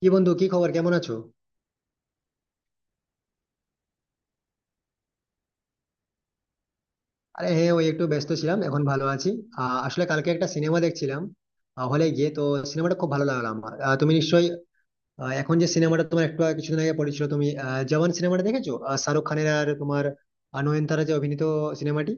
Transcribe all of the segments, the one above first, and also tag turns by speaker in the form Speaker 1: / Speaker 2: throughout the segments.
Speaker 1: কি বন্ধু, কি খবর? কেমন আছো? আরে হ্যাঁ, ওই একটু ব্যস্ত ছিলাম, এখন ভালো আছি। আসলে কালকে একটা সিনেমা দেখছিলাম হলে গিয়ে তো, সিনেমাটা খুব ভালো লাগলো আমার। তুমি নিশ্চয়ই এখন যে সিনেমাটা তোমার কিছুদিন আগে পড়েছিল, তুমি জওয়ান সিনেমাটা দেখেছো? শাহরুখ খানের আর তোমার নয়নতারা যে অভিনীত সিনেমাটি।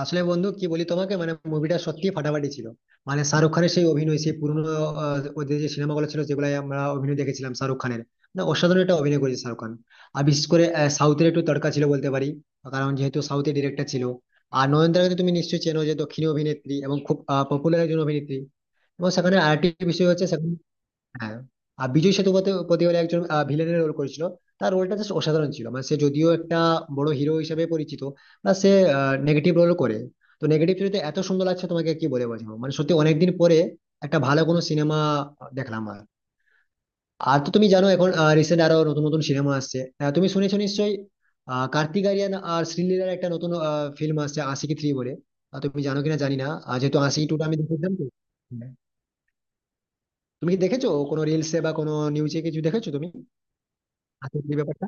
Speaker 1: আসলে বন্ধু কি বলি তোমাকে, মানে মুভিটা সত্যি ফাটাফাটি ছিল। মানে শাহরুখ খানের সেই অভিনয়, সেই পুরনো ওদের যে সিনেমাগুলো ছিল যেগুলো আমরা অভিনয় দেখেছিলাম শাহরুখ খানের, মানে অসাধারণ একটা অভিনয় করেছে শাহরুখ খান। আর বিশেষ করে সাউথের একটু তড়কা ছিল বলতে পারি, কারণ যেহেতু সাউথের ডিরেক্টর ছিল। আর নয়নতারাকে তো তুমি নিশ্চয়ই চেনো, যে দক্ষিণী অভিনেত্রী এবং খুব পপুলার একজন অভিনেত্রী। এবং সেখানে আরেকটি বিষয় হচ্ছে, সেখানে হ্যাঁ, আর বিজয় সেতুপতি বলে একজন ভিলেনের রোল করেছিল। তার রোলটা জাস্ট অসাধারণ ছিল। মানে সে যদিও একটা বড় হিরো হিসেবে পরিচিত, না সে নেগেটিভ রোল করে। তো নেগেটিভ চরিত্রে এত সুন্দর লাগছে, তোমাকে কি বলে বোঝাবো। মানে সত্যি অনেকদিন পরে একটা ভালো কোনো সিনেমা দেখলাম। আর আর তো তুমি জানো এখন রিসেন্ট আরো নতুন নতুন সিনেমা আসছে। তুমি শুনেছো নিশ্চয়ই, কার্তিক আরিয়ান আর শ্রীলীলার একটা নতুন ফিল্ম আসছে আশিকি থ্রি বলে। তুমি জানো কিনা জানি না, আর যেহেতু আশিকি টু টা আমি দেখেছিলাম তো হ্যাঁ। তুমি কি দেখেছো কোনো রিলসে বা কোনো নিউজে কিছু দেখেছো তুমি হাতের যে ব্যাপারটা?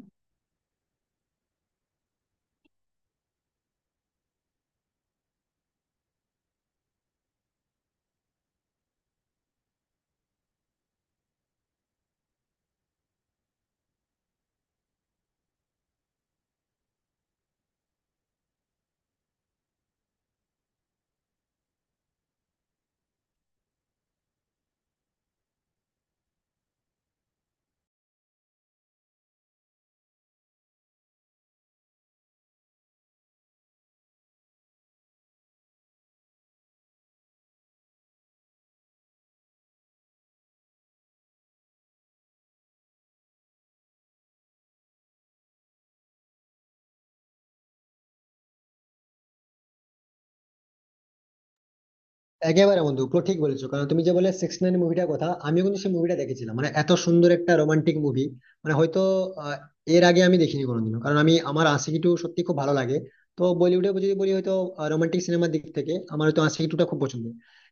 Speaker 1: একেবারে বন্ধু পুরো ঠিক বলেছো, কারণ তুমি যে বলে 96 মুভিটার কথা, আমিও কিন্তু সেই মুভিটা দেখেছিলাম। মানে এত সুন্দর একটা রোমান্টিক মুভি, মানে হয়তো আহ, এর আগে আমি দেখিনি কোনোদিনও। কারণ আমি আমার আশিকি টু সত্যি খুব ভালো লাগে, তো বলিউডে যদি বলি হয়তো রোমান্টিক সিনেমার দিক থেকে আমার হয়তো আশিকি টুটা খুব পছন্দ।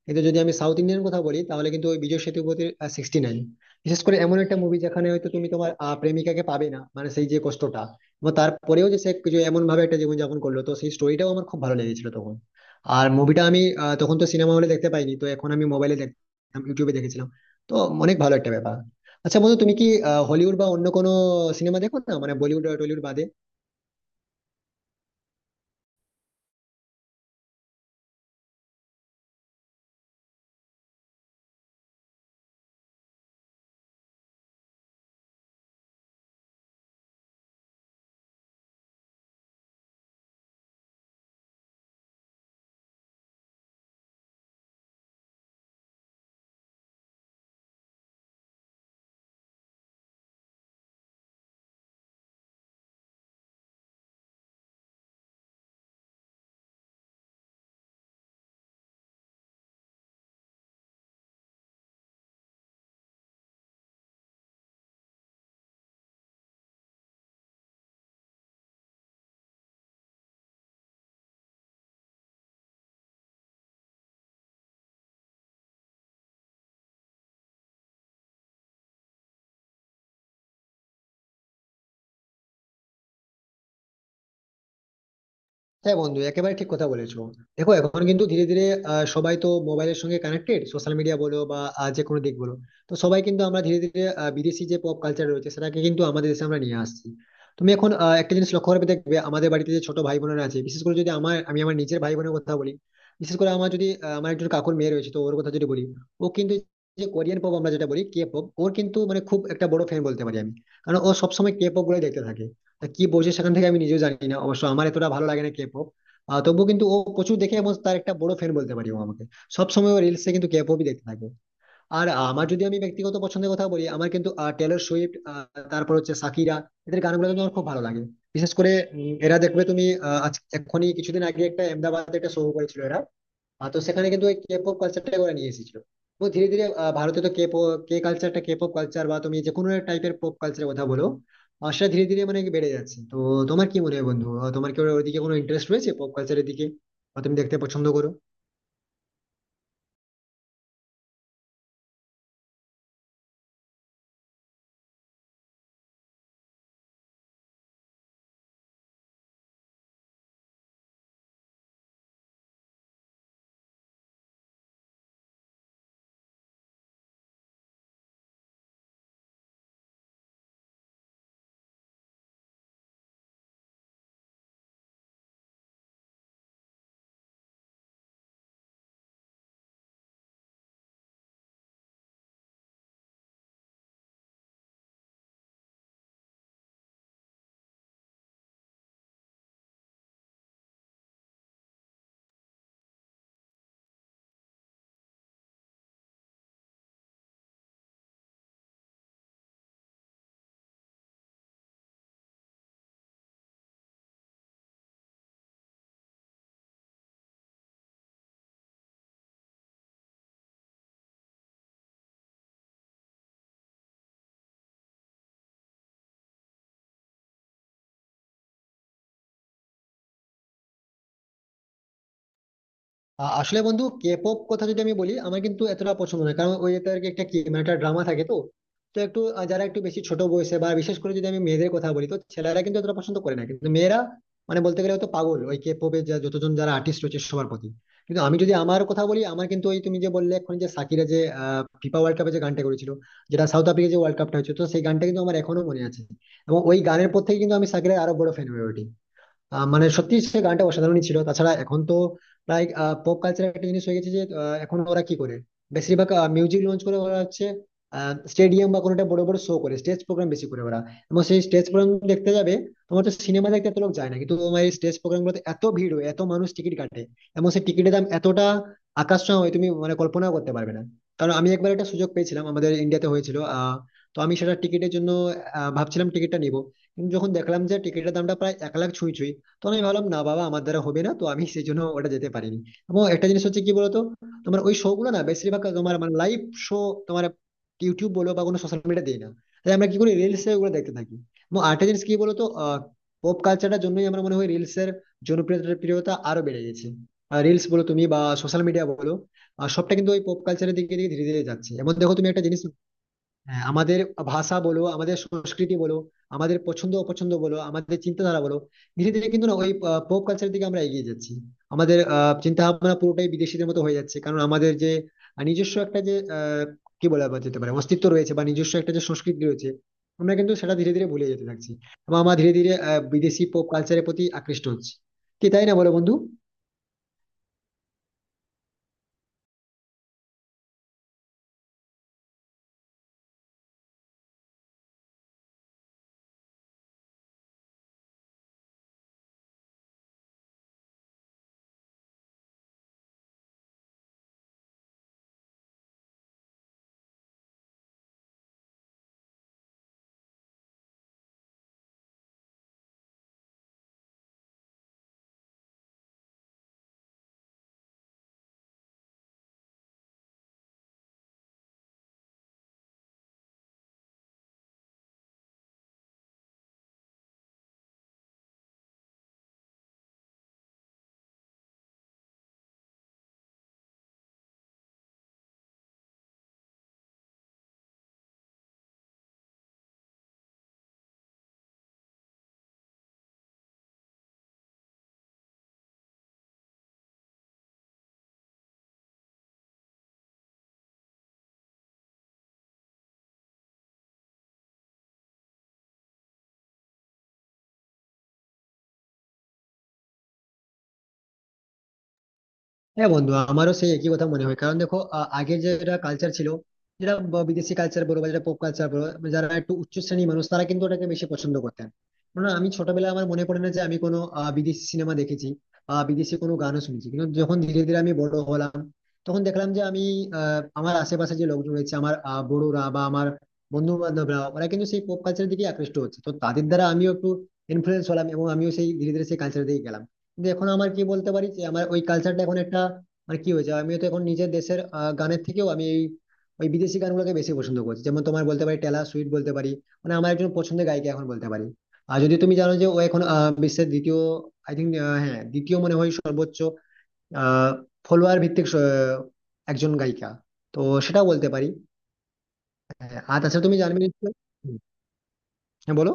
Speaker 1: কিন্তু যদি আমি সাউথ ইন্ডিয়ান কথা বলি, তাহলে কিন্তু ওই বিজয় সেতুপতির 96 বিশেষ করে এমন একটা মুভি, যেখানে হয়তো তুমি তোমার প্রেমিকাকে পাবে না, মানে সেই যে কষ্টটা। এবং তারপরেও যে সে যে এমন ভাবে একটা জীবনযাপন করলো, তো সেই স্টোরিটাও আমার খুব ভালো লেগেছিল তখন। আর মুভিটা আমি তখন তো সিনেমা হলে দেখতে পাইনি, তো এখন আমি মোবাইলে দেখতাম, ইউটিউবে দেখেছিলাম। তো অনেক ভালো একটা ব্যাপার। আচ্ছা বন্ধু, তুমি কি হলিউড বা অন্য কোনো সিনেমা দেখো না, মানে বলিউড আর টলিউড বাদে? হ্যাঁ বন্ধু, একেবারে ঠিক কথা বলেছো। দেখো এখন কিন্তু ধীরে ধীরে সবাই তো মোবাইলের সঙ্গে কানেক্টেড, সোশ্যাল মিডিয়া বলো বা যে কোনো দিক বলো, তো সবাই কিন্তু আমরা ধীরে ধীরে বিদেশি যে পপ কালচার রয়েছে সেটাকে কিন্তু আমাদের দেশে আমরা নিয়ে আসছি। তুমি এখন একটা জিনিস লক্ষ্য করবে, দেখবে আমাদের বাড়িতে যে ছোট ভাই বোনেরা আছে, বিশেষ করে যদি আমার আমি আমার নিজের ভাই বোনের কথা বলি, বিশেষ করে আমার যদি আমার একজন কাকুর মেয়ে রয়েছে, তো ওর কথা যদি বলি, ও কিন্তু যে কোরিয়ান পপ আমরা যেটা বলি কে পপ, ওর কিন্তু মানে খুব একটা বড় ফ্যান বলতে পারি আমি। কারণ ও সবসময় কে পপ গুলো দেখতে থাকে, তা কি বলছে সেখান থেকে আমি নিজেও জানি না। অবশ্য আমার এতটা ভালো লাগে না কে পপ, তবুও কিন্তু ও প্রচুর দেখে, এবং তার একটা বড় ফ্যান বলতে পারি ও আমাকে। সবসময় ও রিলসে কিন্তু কে পপই দেখতে থাকে। আর আমার যদি আমি ব্যক্তিগত পছন্দের কথা বলি, আমার কিন্তু টেলর সুইফট, তারপর হচ্ছে সাকিরা, এদের গানগুলো কিন্তু আমার খুব ভালো লাগে। বিশেষ করে এরা দেখবে তুমি, আজ এক্ষুনি কিছুদিন আগে একটা আহমেদাবাদে একটা শো করেছিল এরা। তো সেখানে কিন্তু ওই কে পপ কালচারটা করে নিয়ে এসেছিল। তো ধীরে ধীরে ভারতে তো কে পপ কে কালচারটা, কে পপ কালচার বা তুমি যে কোনো টাইপের পপ কালচারের কথা বলো, সেটা ধীরে ধীরে মানে কি বেড়ে যাচ্ছে তো। তোমার কি মনে হয় বন্ধু, তোমার কি ওদিকে কোনো ইন্টারেস্ট রয়েছে পপ কালচারের দিকে, বা তুমি দেখতে পছন্দ করো? আসলে বন্ধু কে পপ কথা যদি আমি বলি, আমার কিন্তু এতটা পছন্দ নয়, কারণ ওই তার একটা কি মানে একটা ড্রামা থাকে তো। তো যারা একটু বেশি ছোট বয়সে, বা বিশেষ করে যদি আমি মেয়েদের কথা বলি, তো ছেলেরা কিন্তু এতটা পছন্দ করে না, কিন্তু মেয়েরা মানে বলতে গেলে হয়তো পাগল ওই কে পপের যতজন যারা আর্টিস্ট রয়েছে সবার প্রতি। কিন্তু আমি যদি আমার কথা বলি, আমার কিন্তু ওই তুমি যে বললে এখন যে সাকিরা যে ফিফা ওয়ার্ল্ড কাপে যে গানটা করেছিল, যেটা সাউথ আফ্রিকা যে ওয়ার্ল্ড কাপটা হয়েছে, তো সেই গানটা কিন্তু আমার এখনো মনে আছে। এবং ওই গানের পর থেকে কিন্তু আমি সাকিরের আরো বড় ফ্যান হয়ে উঠি। মানে সত্যি সে গানটা অসাধারণই ছিল। তাছাড়া এখন তো প্রায় পপ কালচার একটা জিনিস হয়ে গেছে যে এখন ওরা কি করে, বেশিরভাগ মিউজিক লঞ্চ করে, ওরা হচ্ছে স্টেডিয়াম বা কোনো একটা বড় বড় শো করে, স্টেজ প্রোগ্রাম বেশি করে ওরা। এবং সেই স্টেজ প্রোগ্রাম দেখতে যাবে, তোমার তো সিনেমা দেখতে এত লোক যায় না, কিন্তু তোমার এই স্টেজ প্রোগ্রাম গুলোতে এত ভিড় হয়, এত মানুষ টিকিট কাটে। এবং সেই টিকিটের দাম এতটা আকাশ ছোঁয়া হয়, তুমি মানে কল্পনাও করতে পারবে না। কারণ আমি একবার একটা সুযোগ পেয়েছিলাম, আমাদের ইন্ডিয়াতে হয়েছিল তো আমি সেটা টিকিটের জন্য ভাবছিলাম টিকিটটা নিবো, কিন্তু যখন দেখলাম যে টিকিটের দামটা প্রায় 1 লাখ ছুঁই ছুঁই, তো আমি ভাবলাম না বাবা আমার দ্বারা হবে না, তো আমি সেই জন্য ওটা যেতে পারিনি। এবং একটা জিনিস হচ্ছে কি বলতো, তোমার ওই শো গুলো না বেশিরভাগ তোমার মানে লাইভ শো তোমার ইউটিউব বলো বা কোনো সোশ্যাল মিডিয়া দেয় না, তাই আমরা কি করি রিলস এ ওগুলো দেখতে থাকি। এবং আরেকটা জিনিস কি বলতো, পপ কালচারটার জন্যই আমার মনে হয় রিলস এর জনপ্রিয়তা প্রিয়তা আরো বেড়ে গেছে। রিলস বলো তুমি বা সোশ্যাল মিডিয়া বলো, সবটা কিন্তু ওই পপ কালচারের দিকে দিকে ধীরে ধীরে যাচ্ছে, এমন দেখো তুমি একটা জিনিস। হ্যাঁ, আমাদের ভাষা বলো, আমাদের সংস্কৃতি বলো, আমাদের পছন্দ অপছন্দ বলো, আমাদের চিন্তাধারা বলো, ধীরে ধীরে কিন্তু না ওই পপ কালচারের দিকে আমরা এগিয়ে যাচ্ছি। আমাদের চিন্তা ভাবনা পুরোটাই বিদেশিদের মতো হয়ে যাচ্ছে, কারণ আমাদের যে নিজস্ব একটা যে কি বলা যেতে পারে অস্তিত্ব রয়েছে, বা নিজস্ব একটা যে সংস্কৃতি রয়েছে, আমরা কিন্তু সেটা ধীরে ধীরে ভুলে যেতে থাকছি। এবং আমরা ধীরে ধীরে বিদেশি পপ কালচারের প্রতি আকৃষ্ট হচ্ছি। কি তাই না, বলো বন্ধু? হ্যাঁ বন্ধু, আমারও সেই একই কথা মনে হয়। কারণ দেখো আগের যেটা কালচার ছিল, যেটা বিদেশি কালচার বলো বা যেটা পপ কালচার বলো, যারা একটু উচ্চ শ্রেণীর মানুষ তারা কিন্তু ওটাকে বেশি পছন্দ করতেন। কারণ আমি ছোটবেলায় আমার মনে পড়ে না যে আমি কোনো বিদেশি সিনেমা দেখেছি বা বিদেশি কোনো গানও শুনেছি। কিন্তু যখন ধীরে ধীরে আমি বড় হলাম, তখন দেখলাম যে আমি আমার আশেপাশে যে লোকজন রয়েছে, আমার বড়রা বা আমার বন্ধু বান্ধবরা ওরা কিন্তু সেই পপ কালচারের দিকে আকৃষ্ট হচ্ছে, তো তাদের দ্বারা আমিও একটু ইনফ্লুয়েন্স হলাম, এবং আমিও সেই ধীরে ধীরে সেই কালচারের দিকে গেলাম। কিন্তু এখন আমার কি বলতে পারি যে আমার ওই কালচারটা এখন একটা মানে কি হয়েছে, আমি তো এখন নিজের দেশের গানের থেকেও আমি এই ওই বিদেশি গানগুলোকে বেশি পছন্দ করছি। যেমন তোমার বলতে পারি টেলর সুইট বলতে পারি, মানে আমার একজন পছন্দের গায়িকা এখন বলতে পারি। আর যদি তুমি জানো যে ও এখন বিশ্বের দ্বিতীয়, আই থিঙ্ক, হ্যাঁ দ্বিতীয় মনে হয় সর্বোচ্চ আহ ফলোয়ার ভিত্তিক একজন গায়িকা, তো সেটাও বলতে পারি। হ্যাঁ, আর তাছাড়া তুমি জানবে নিশ্চয়ই। হুম, হ্যাঁ বলো।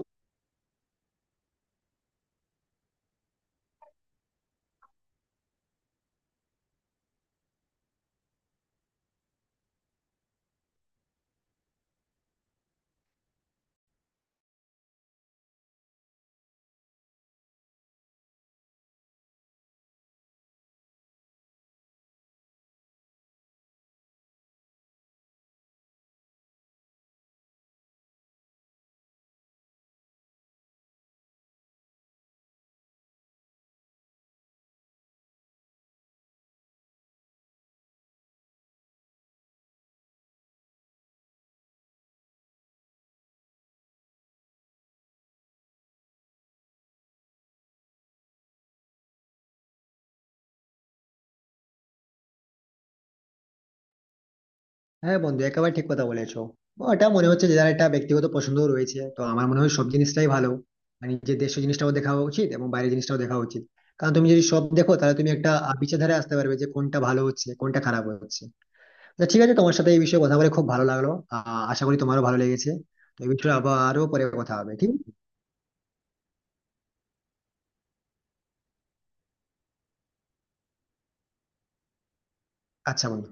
Speaker 1: হ্যাঁ বন্ধু, একেবারে ঠিক কথা বলেছো। ওটা মনে হচ্ছে যে যার একটা ব্যক্তিগত পছন্দ রয়েছে, তো আমার মনে হয় সব জিনিসটাই ভালো। মানে যে দেশীয় জিনিসটাও দেখা উচিত এবং বাইরের জিনিসটাও দেখা উচিত। কারণ তুমি যদি সব দেখো তাহলে তুমি একটা বিচারধারায় আসতে পারবে যে কোনটা ভালো হচ্ছে কোনটা খারাপ হচ্ছে। তো ঠিক আছে, তোমার সাথে এই বিষয়ে কথা বলে খুব ভালো লাগলো, আশা করি তোমারও ভালো লেগেছে। তো এই বিষয়ে আবার আরো পরে কথা হবে, ঠিক আছে? আচ্ছা বন্ধু।